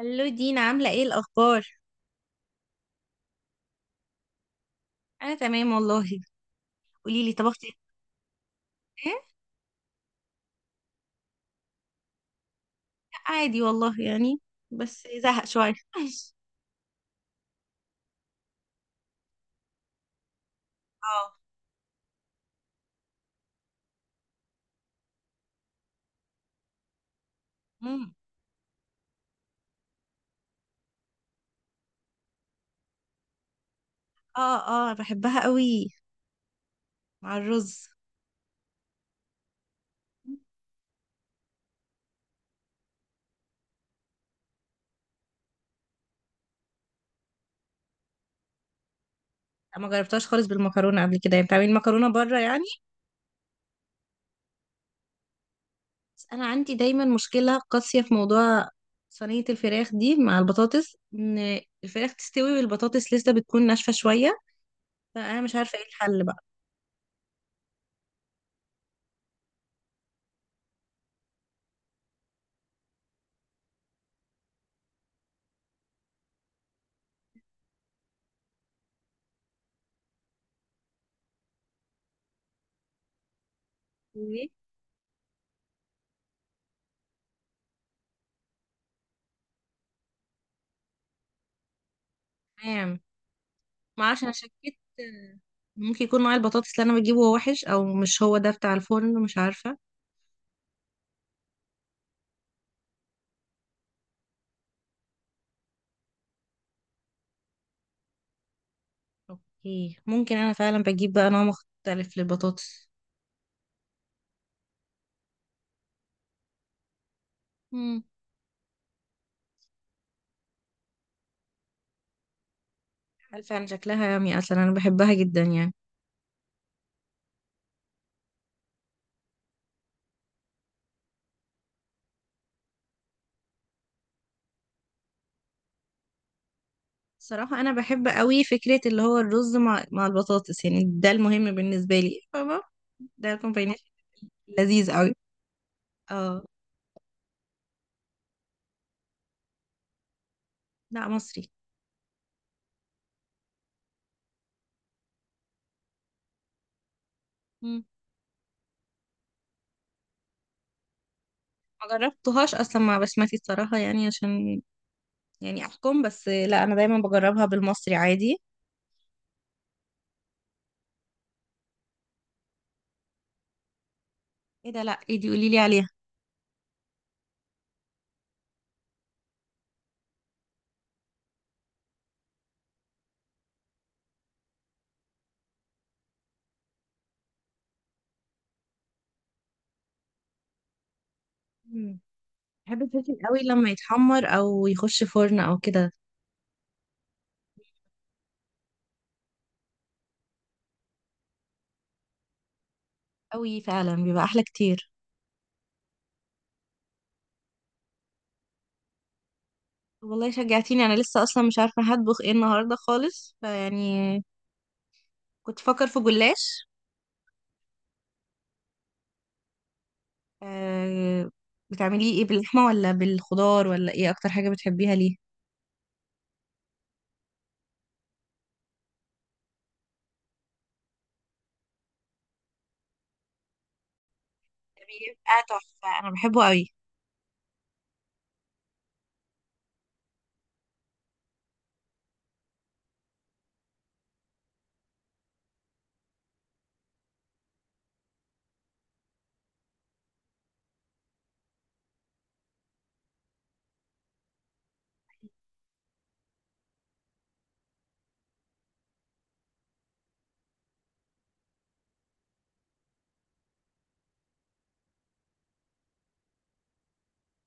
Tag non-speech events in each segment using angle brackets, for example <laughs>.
الو دينا، عاملة ايه الأخبار؟ أنا تمام والله. قوليلي طبختي ايه؟ "إيه، عادي والله يعني، بس زهق شوية <laughs> اه. مم. اه، اه، بحبها قوي مع الرز. لا، ما جربتهاش خالص بالمكرونة قبل كده، يعني بتعملي مكرونة بره يعني. بس أنا عندي دايما مشكلة قاسية في موضوع صينية الفراخ دي مع البطاطس، إن الفراخ تستوي والبطاطس لسه بتكون ناشفة شوية، فأنا مش عارفة ايه الحل بقى. ايه؟ تمام. معرفش، أنا شكيت ممكن يكون نوع البطاطس اللي انا بجيبه هو وحش، او مش هو ده بتاع الفرن، مش عارفه. اوكي، ممكن انا فعلا بجيب بقى نوع مختلف للبطاطس. امم هل فعلا شكلها يامي، اصلا انا بحبها جدا يعني. صراحة، أنا بحب قوي فكرة اللي هو الرز مع البطاطس، يعني ده المهم بالنسبة لي فاهمة. ده الكومباينيشن لذيذ قوي. اه. لا، مصري. مم. ما جربتهاش أصلا مع بسمتي الصراحة، يعني عشان يعني أحكم، بس لا أنا دايما بجربها بالمصري عادي. ايه ده؟ لا، ايه دي؟ قوليلي عليها. بحب الفلفل قوي لما يتحمر او يخش فرن او كده. قوي فعلا، بيبقى احلى كتير. والله شجعتيني، انا لسه اصلا مش عارفه هطبخ ايه النهارده خالص فيعني. كنت فكر في جلاش. أه. بتعمليه ايه؟ باللحمه ولا بالخضار ولا ايه اكتر حاجه بتحبيها ليه؟ بيبقى تحفه، انا بحبه قوي.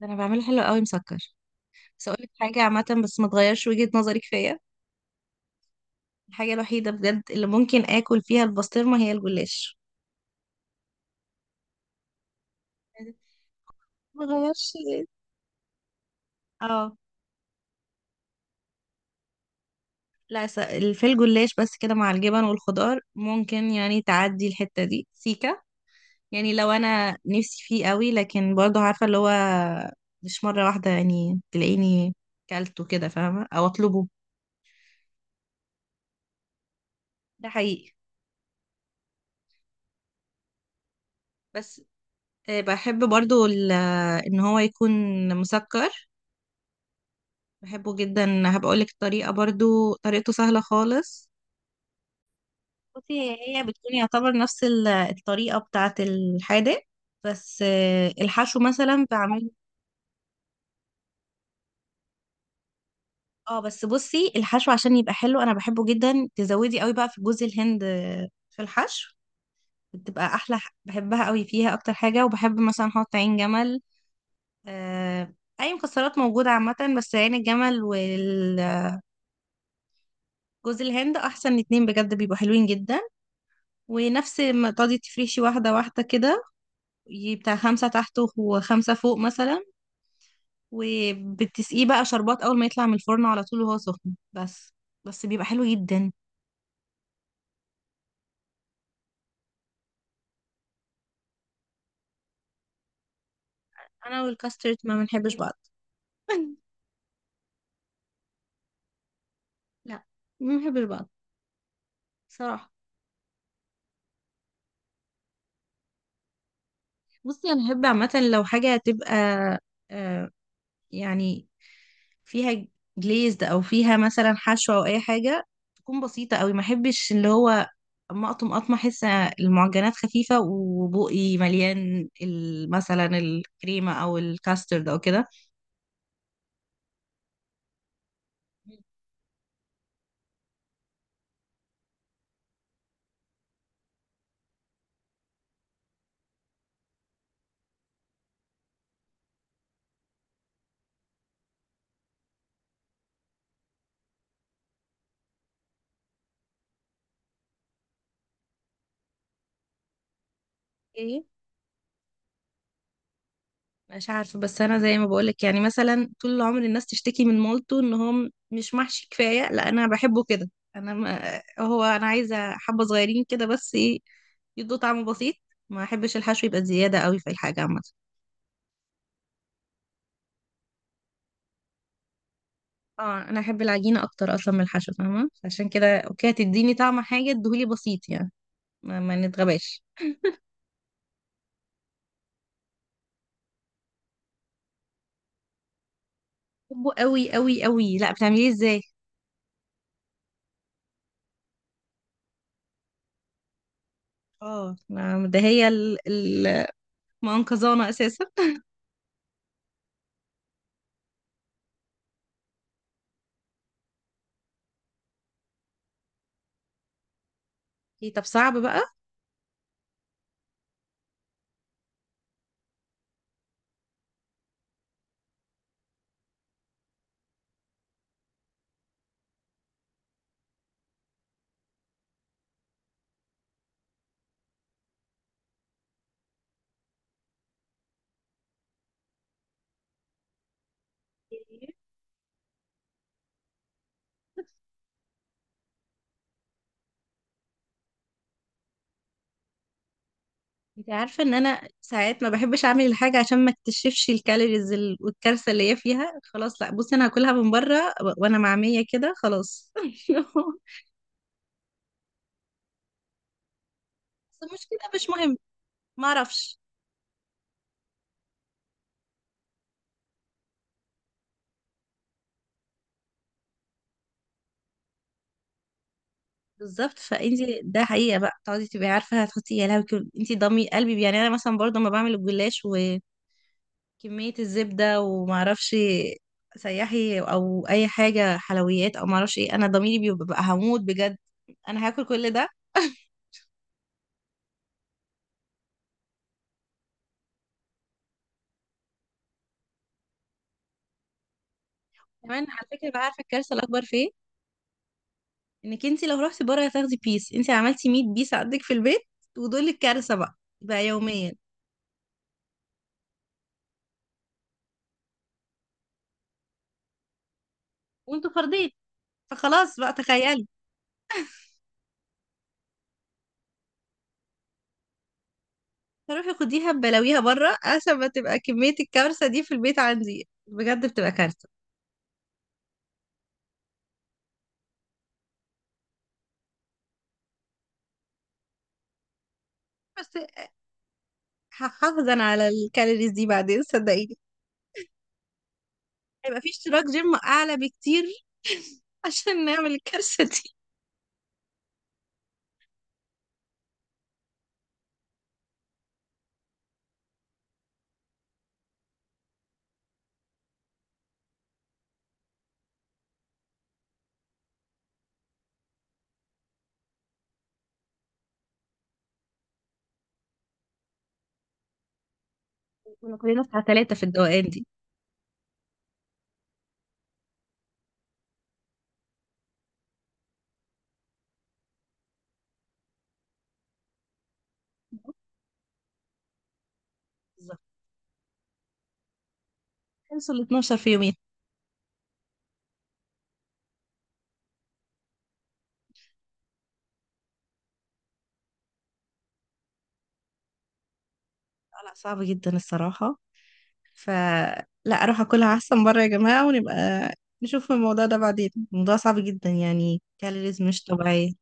ده انا بعمله حلو قوي مسكر. بس اقول لك حاجه عامه، بس ما تغيرش وجهه نظرك فيا. الحاجه الوحيده بجد اللي ممكن اكل فيها البسطرمه هي الجلاش. ما غيرش ليه. اه. لا س- في الجلاش بس كده مع الجبن والخضار، ممكن يعني تعدي الحتة دي سيكة. يعني لو انا نفسي فيه قوي، لكن برضه عارفة اللي هو، مش مرة واحدة، يعني تلاقيني كلته كده فاهمة او اطلبه. ده حقيقي. بس بحب برضه ان هو يكون مسكر. بحبه جدا، هبقولك الطريقة. برضه طريقته سهلة خالص. بصي، هي بتكون يعتبر نفس الطريقة بتاعة الحادق. بس، الحشو مثلا بعمله. اه، بس بصي الحشو عشان يبقى حلو، انا بحبه جدا. تزودي قوي بقى في جوز الهند في الحشو، بتبقى احلى. بحبها قوي فيها اكتر حاجه. وبحب مثلا احط عين جمل، آه، اي مكسرات موجوده عامه. بس عين الجمل والجوز الهند احسن اتنين بجد، بيبقوا حلوين جدا. ونفس ما تقعدي تفرشي، واحده واحده كده، بتاع خمسه تحت وخمسه فوق مثلا، وبتسقيه بقى شربات اول ما يطلع من الفرن على طول وهو سخن بس. بس بيبقى حلو جدا. انا والكاسترد ما بنحبش بعض. لا، ما بنحبش بعض بصراحة. بصي، انا بحب عامة لو حاجة تبقى، آه، يعني، فيها جليزد، او فيها مثلا حشوة او اي حاجة. تكون بسيطة قوي، ما احبش اللي هو، اما اقطم اقطم، احس المعجنات خفيفة وبقي مليان مثلا الكريمة او الكاسترد او كده. اوكي. مش عارفة، بس أنا زي ما بقولك، يعني مثلا طول العمر الناس تشتكي من مولتو إن هو مش محشي كفاية. لا، أنا بحبه كده. أنا ما هو أنا عايزة حبة صغيرين كده، بس إيه، يدوا طعم بسيط. ما أحبش الحشو يبقى زيادة قوي في الحاجة عامة. اه، أنا أحب العجينة أكتر أصلا من الحشو فاهمة، عشان كده أوكي هتديني طعم حاجة، ادهولي بسيط يعني. ما نتغباش. بحبه قوي قوي قوي. لا، بتعمليه ازاي؟ اه، ده هي المنقذانة أساسا. إيه، طب صعب بقى. انت عارفة ان انا ساعات ما بحبش اعمل الحاجة، عشان ما اكتشفش الكالوريز والكارثة اللي هي فيها. خلاص، لا بصي انا هاكلها من بره، وانا مع مية كده خلاص <laughs> بس المشكلة مش مهم، ما اعرفش. بالظبط فانت، ده حقيقة بقى، تقعدي تبقي عارفة هتحطي، يا لهوي، انت ضمي قلبي. يعني انا مثلا برضه ما بعمل الجلاش وكمية الزبدة، وما اعرفش سياحي او اي حاجة حلويات او ما اعرفش ايه، انا ضميري بيبقى هموت بجد، انا هاكل كل ده. كمان على فكرة، بقى عارفة الكارثة الاكبر فين؟ انك انت لو رحتي بره هتاخدي بيس، انت عملتي 100 بيس عندك في البيت، ودول الكارثه بقى، بقى يوميا وانتوا فردين. فخلاص بقى، تخيلي. فروحي خديها ببلاويها بره، عشان ما تبقى كميه الكارثه دي في البيت عندي، بجد بتبقى كارثه. بس هحافظ انا على الكالوريز دي بعدين، صدقيني. هيبقى في اشتراك جيم اعلى بكتير <laughs> عشان نعمل الكارثه دي. كنا كلنا بتاع ثلاثه في الدوقان دي بالظبط. خلصوا ال 12 في يومين. لا، لا، صعب جدا الصراحه. فلا، اروح اكلها احسن بره يا جماعة، ونبقى نشوف الموضوع ده بعدين. الموضوع صعب جدا، يعني كالوريز مش طبيعية.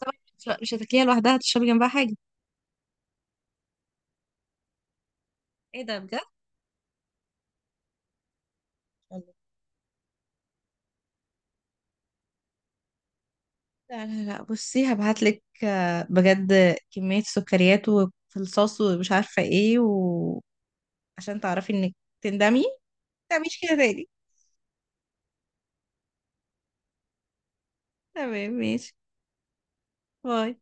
طبعاً. مش هتاكليها لوحدها، هتشربي جنبها حاجة. ايه ده؟ بجد والله. لا، لا، لا، بصي هبعتلك، آه، بجد كمية سكريات وفي الصوص ومش عارفة ايه، وعشان تعرفي انك تندمي، تعمليش كده تاني. تمام ماشي. باي.